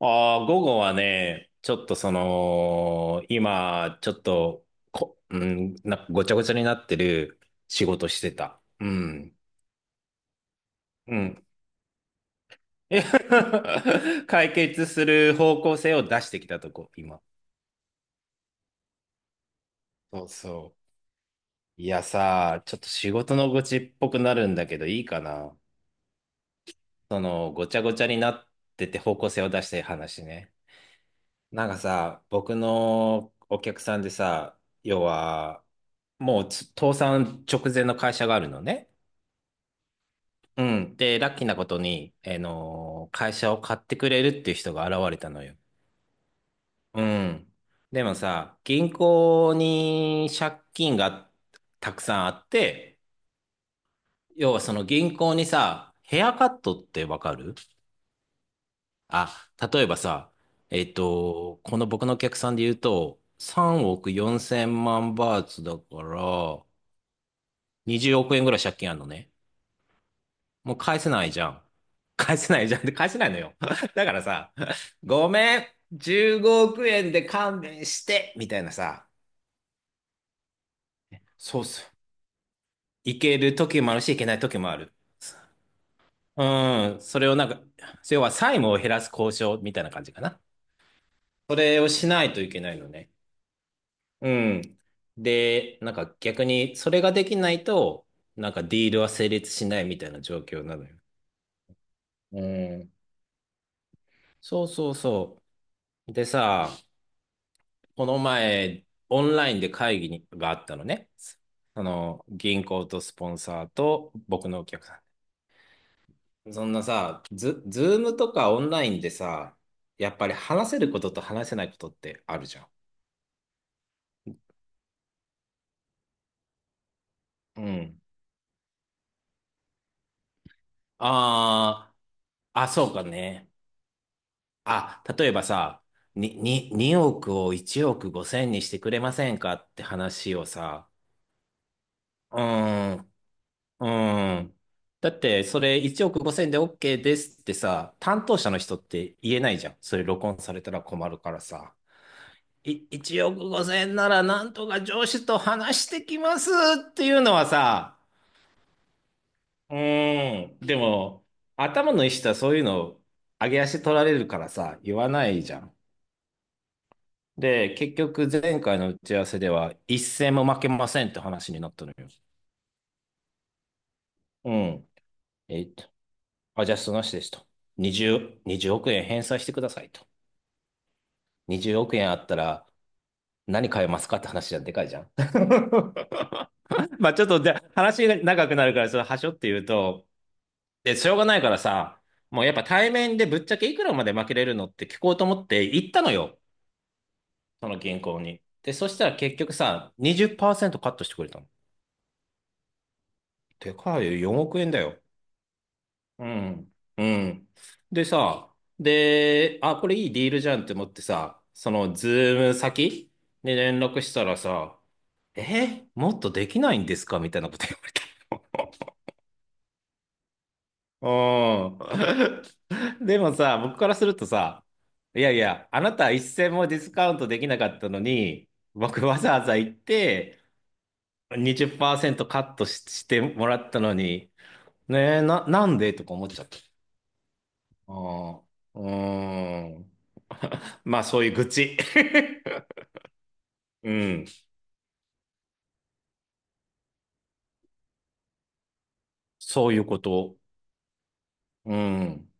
ああ、午後はね、ちょっと今、ちょっと、うん、なんかごちゃごちゃになってる仕事してた。うん。うん。解決する方向性を出してきたとこ、今。そうそう。いやさ、ちょっと仕事の愚痴っぽくなるんだけど、いいかな。その、ごちゃごちゃになってて方向性を出してい話ね。なんかさ、僕のお客さんでさ、要は、もう倒産直前の会社があるのね。うん。で、ラッキーなことに、会社を買ってくれるっていう人が現れたのよ。うん。でもさ、銀行に借金がたくさんあって、要はその銀行にさ、ヘアカットってわかる？あ、例えばさ、この僕のお客さんで言うと、3億4千万バーツだから、20億円ぐらい借金あるのね。もう返せないじゃん。返せないじゃん。で、返せないのよ。だからさ、ごめん、15億円で勘弁して、みたいなさ、そうそう。いける時もあるし、いけない時もある。うん、それをなんか、要は債務を減らす交渉みたいな感じかな。それをしないといけないのね。うん。で、なんか逆にそれができないと、なんかディールは成立しないみたいな状況なのよ。うん。そうそうそう。でさ、この前、オンラインで会議があったのね。その、銀行とスポンサーと僕のお客さん。そんなさ、ズームとかオンラインでさ、やっぱり話せることと話せないことってあるじゃん。うん。ああ、あ、そうかね。あ、例えばさ、に、2億を1億5千にしてくれませんかって話をさ、うーん、うーん。だって、それ1億5千で OK ですってさ、担当者の人って言えないじゃん。それ録音されたら困るからさ。1億5千ならなんとか上司と話してきますっていうのはさ、うーん。でも、頭のいい人はそういうの、上げ足取られるからさ、言わないじゃん。で、結局前回の打ち合わせでは一戦も負けませんって話になったのよ。うん。えっと、アジャストなしですと。20億円返済してくださいと。20億円あったら何買えますかって話じゃでかいじゃん。まあちょっとで話が長くなるから、それはしょって言うと、で、しょうがないからさ、もうやっぱ対面でぶっちゃけいくらまで負けれるのって聞こうと思って行ったのよ。その銀行に。で、そしたら結局さ、20%カットしてくれたの。でかいよ、4億円だよ。うん。うん。でさ、で、あ、これいいディールじゃんって思ってさ、そのズーム先に連絡したらさ、え、もっとできないんですかみたいなこと言われた。うん。でもさ、僕からするとさ、いやいや、あなた一銭もディスカウントできなかったのに、僕わざわざ行って20%カットし、してもらったのに、ねえ、なんでとか思っちゃった。ああ、うーん。まあ、そういう愚痴。うん。そういうこと。うん。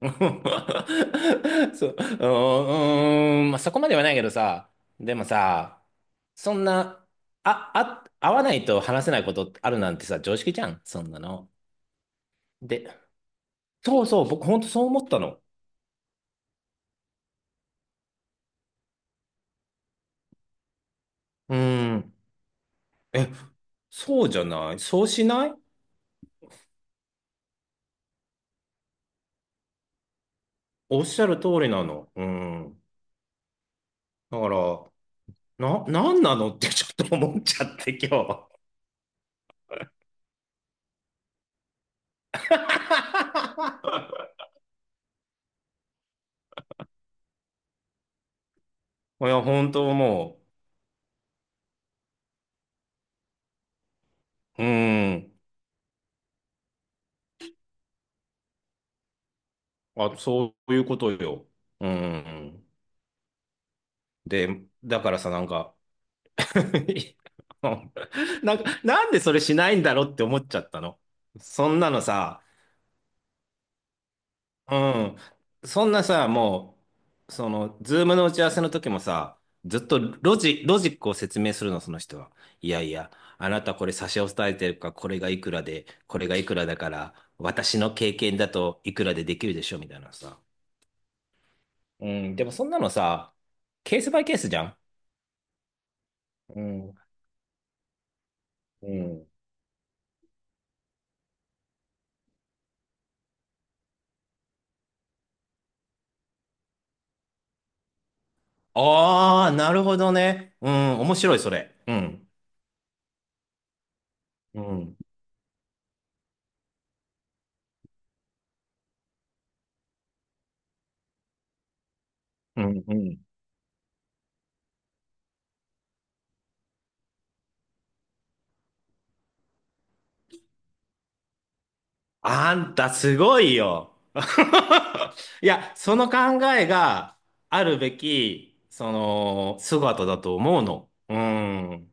そう、うーん、まあ、そこまではないけどさ、でもさ、そんな、あ、会わないと話せないことあるなんてさ、常識じゃん、そんなの。で、そうそう、僕ほんとそう思ったの。うーん。え、そうじゃないそうしないおっしゃる通りなの。うん。だから、なんなの ってちょっと思っちゃって今日。いや、本当もう、うーん。あ、そういうことよ。うん。で、だからさ、なんか なんか、なんでそれしないんだろうって思っちゃったの。そんなのさ、うん。そんなさ、もう、その、ズームの打ち合わせの時もさ、ずっとロジックを説明するの、その人は。いやいや、あなたこれ差し押さえてるから、これがいくらで、これがいくらだから、私の経験だといくらでできるでしょ、みたいなさ。うん、でもそんなのさ、ケースバイケースじゃん。うん、うん。ああ、なるほどね。うん、面白い、それ。うん。うん、うん、うん。あんたすごいよ。いや、その考えがあるべき、姿だと思うの。うん。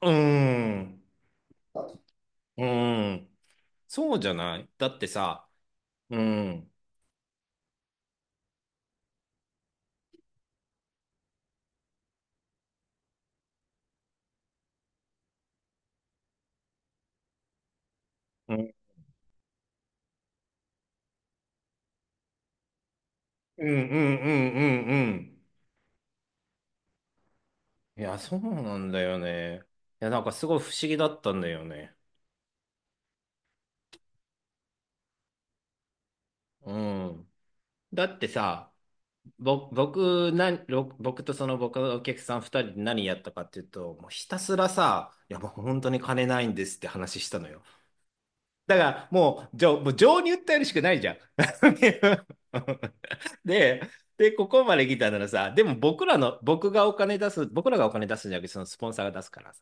うん。うん。そうじゃないだってさ、うん。うん。うんうんうんうんうん。いや、そうなんだよね。いや、なんかすごい不思議だったんだよね。うん。だってさ、僕、僕とその僕のお客さん二人で何やったかっていうと、もうひたすらさ、いやもう本当に金ないんですって話したのよ。だからもう、もう情に訴えるしかないじゃん。で、ここまで来たならさ、でも僕らの、僕がお金出す、僕らがお金出すんじゃなくて、そのスポンサーが出すからさ、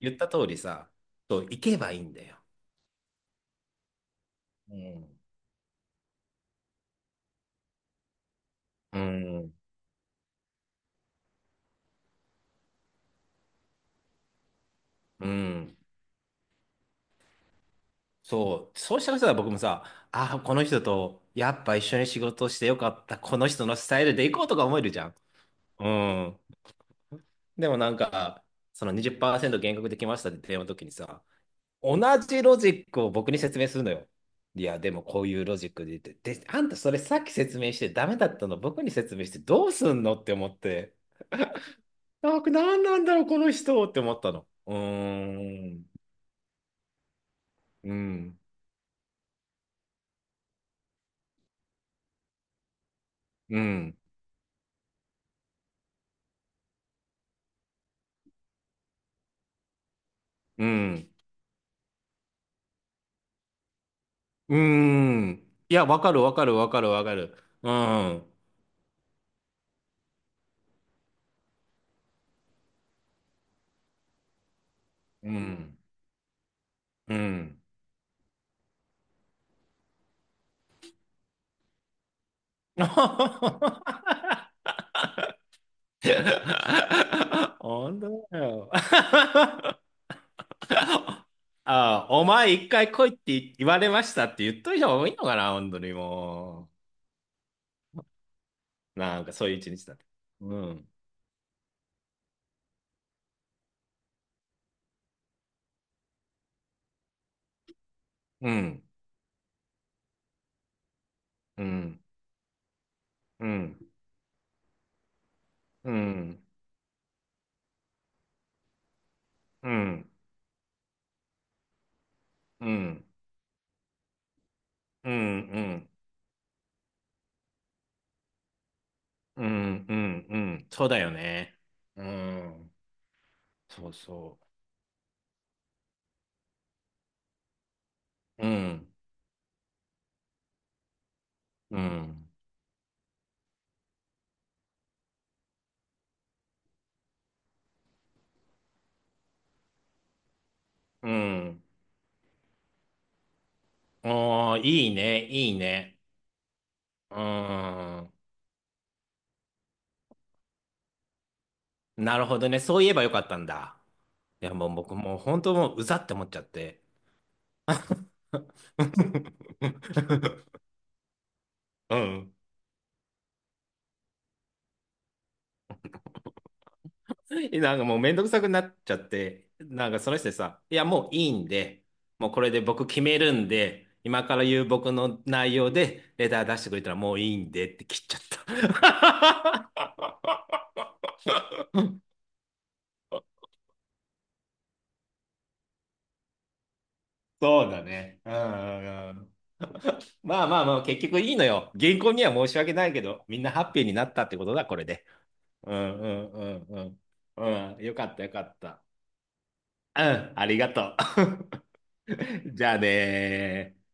言った通りさ、そう、行けばいいんだよ。うん。うん。うん。そう、そうしたらさ僕もさ、ああ、この人とやっぱ一緒に仕事してよかった、この人のスタイルで行こうとか思えるじゃん。うん。でもなんか、その20%減額できましたって電話の時にさ、同じロジックを僕に説明するのよ。いや、でもこういうロジックで言って、で、あんたそれさっき説明してダメだったの僕に説明してどうすんのって思って、なんか何なんだろう、この人って思ったの。うーん、うん、うん、うん。うーん。いや、わかるわかるわかるわかる。うん。うん。うん。本当だよ。ああ、お前一回来いって言われましたって言っといた方がいいのかな、本当にもう。なんかそういう一日だった。うん。うん。うん。うん。うん。うん。うん。うん。うん。うん。うん。うんそうだよね。うん。そうそう。うん、うん、うん。おー、いいね、いいね。うーん。なるほどね。そういえばよかったんだ。いや、もう僕もう本当もううざって思っちゃって。うん。なんかもうめんどくさくなっちゃって、なんかその人にさ、いやもういいんで、もうこれで僕決めるんで、今から言う僕の内容でレター出してくれたらもういいんでって切っちゃった。そうだね。うんうんうん。まあまあまあ、結局いいのよ。銀行には申し訳ないけど、みんなハッピーになったってことだ、これで。うんうんうんうん。うん、よかったよかった。うん、ありがとう。じゃあねー。